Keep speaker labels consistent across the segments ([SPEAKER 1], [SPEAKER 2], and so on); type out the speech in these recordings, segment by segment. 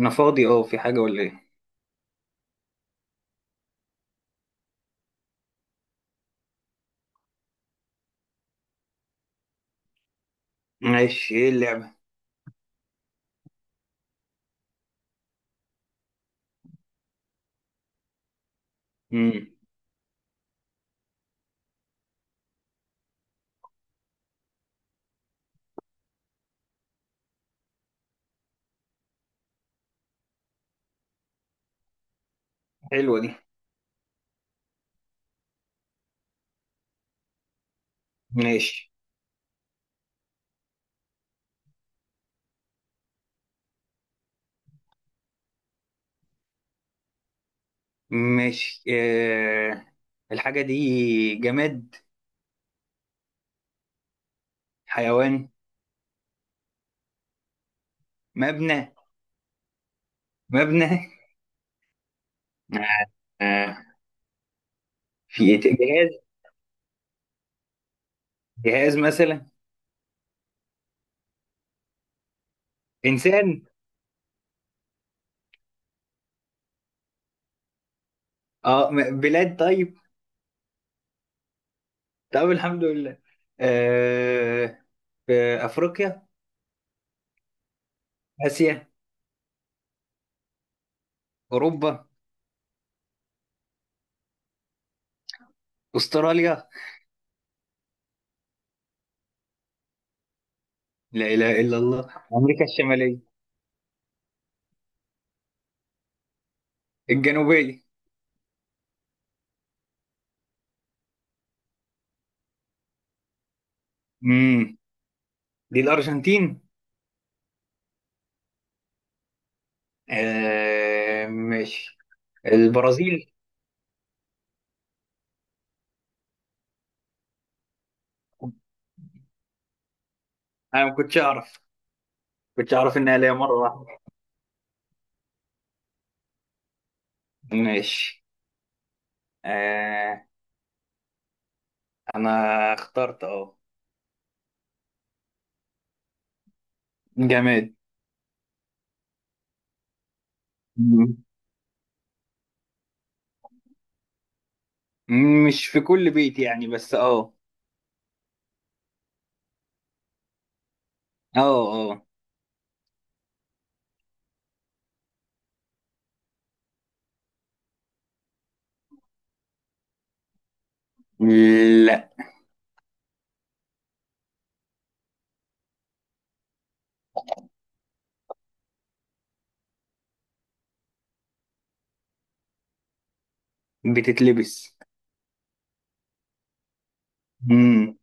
[SPEAKER 1] انا فاضي، اه، في حاجة ولا ايه؟ ماشي، ايه اللعبة؟ امم حلوة دي. ماشي. ماشي. الحاجة دي جماد؟ حيوان؟ مبنى؟ مبنى؟ آه... في إيه، جهاز؟ جهاز مثلا. انسان؟ اه، بلاد، طيب. طب، الحمد لله. آه... في افريقيا؟ اسيا؟ اوروبا؟ استراليا؟ لا اله الا الله، امريكا الشمالية؟ الجنوبية؟ امم دي الارجنتين؟ آه، ماشي. البرازيل؟ انا ما كنتش اعرف. كنتش اعرف انها ليا مره واحده. ماشي. آه، انا اخترت، اه. جماد. مم. مش في كل بيت يعني، بس اه. اه، اه. لا. بتتلبس. مم.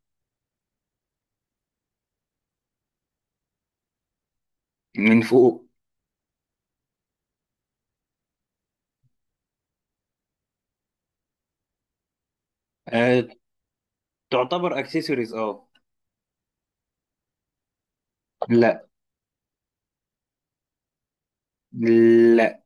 [SPEAKER 1] من فوق. آه تعتبر اكسسوارز، اه. لا، لا.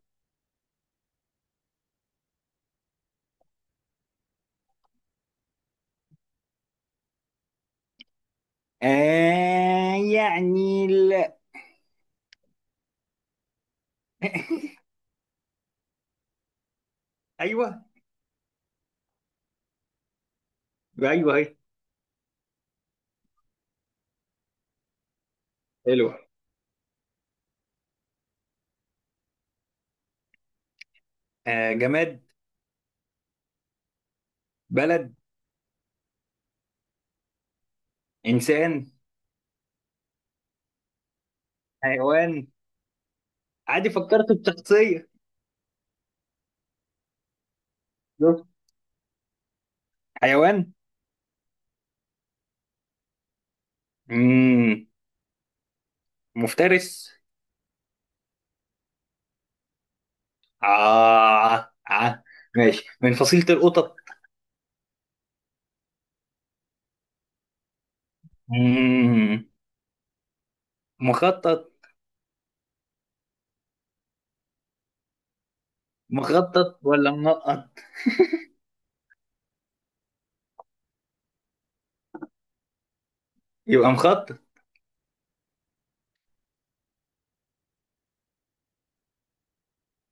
[SPEAKER 1] آه، يعني، لا. ايوه. ايوه، اهي. حلو. جماد؟ بلد؟ انسان؟ حيوان؟ عادي، فكرت بشخصيه. شوف. حيوان. مم. مفترس؟ آه. آه. ماشي، من فصيله القطط؟ مم. مخطط؟ مخطط ولا منقط؟ يبقى مخطط.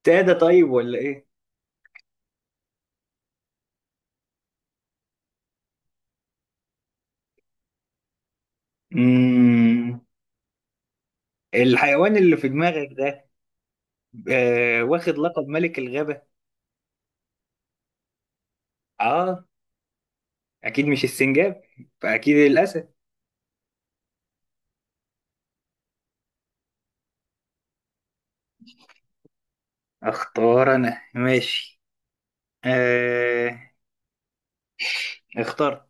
[SPEAKER 1] ساده طيب ولا ايه؟ مم. الحيوان اللي في دماغك ده، آه. واخد لقب ملك الغابه؟ اه. اكيد مش السنجاب. فاكيد الاسد. اختار انا، ماشي. آه. اختار.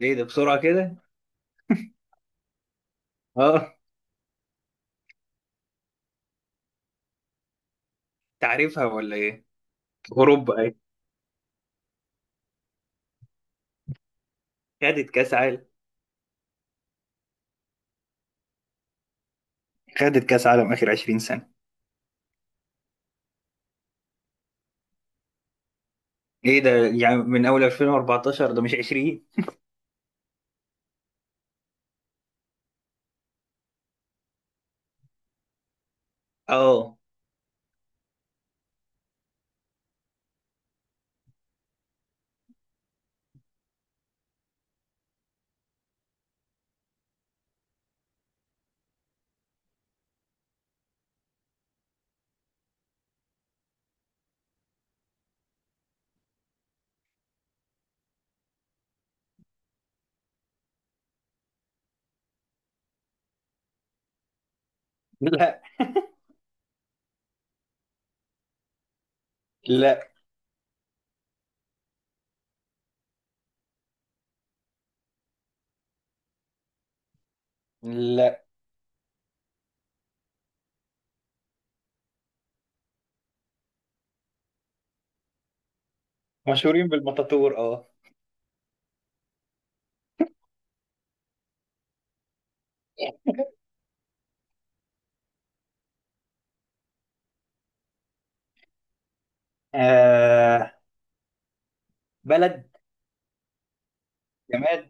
[SPEAKER 1] ايه ده بسرعة كده؟ اه. تعرفها ولا ايه؟ اوروبا، ايه؟ خدت كاس عالم؟ خدت كاس عالم اخر 20 سنة. ايه ده؟ يعني من اول 2014، ده مش 20. اه. لا، لا، لا، مشهورين بالمطاطور، اه. آه، بلد؟ جماد؟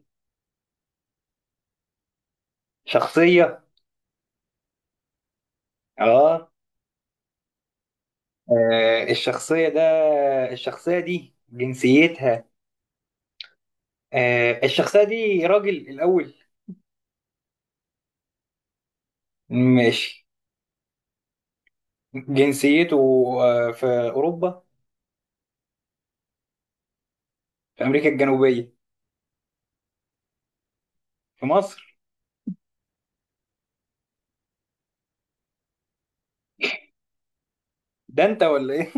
[SPEAKER 1] شخصية؟ اه. آه، الشخصية ده، الشخصية دي جنسيتها؟ آه، الشخصية دي راجل الأول؟ ماشي. جنسيته؟ آه، في أوروبا؟ في أمريكا الجنوبية؟ في مصر؟ ده انت ولا ايه؟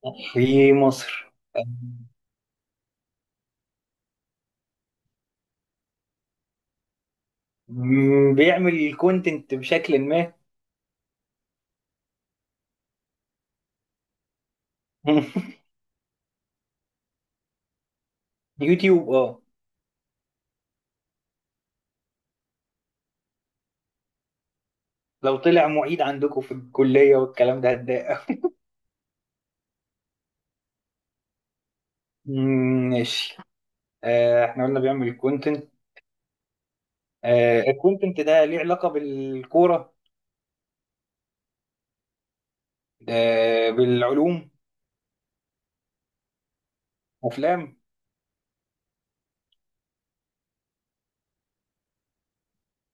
[SPEAKER 1] في مصر؟ بيعمل كونتنت بشكل ما. يوتيوب، اه. لو طلع معيد عندكم في الكلية والكلام ده هتضايق أوي. مم، ماشي. آه، احنا قلنا بيعمل كونتنت. آه، الكونتنت ده ليه علاقة بالكورة؟ آه، بالعلوم؟ افلام؟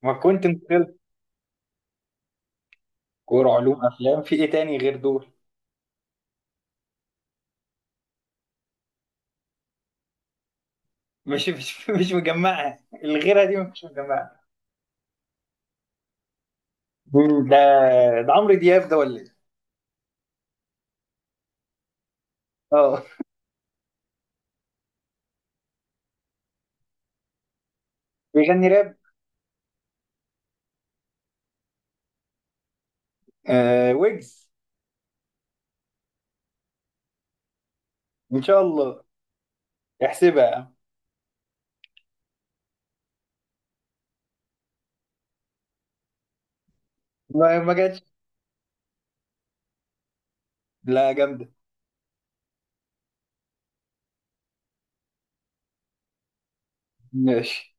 [SPEAKER 1] ما كونتنت؟ كورة، علوم، افلام، في ايه تاني غير دول؟ مش مجمعها؟ الغيرها دي مش مجمعها؟ مم، ده ده عمرو دياب ده ولا ايه؟ اه. بيغني راب؟ آه، ويجز؟ ان شاء الله. احسبها. ما جاتش. لا، جامده. ماشي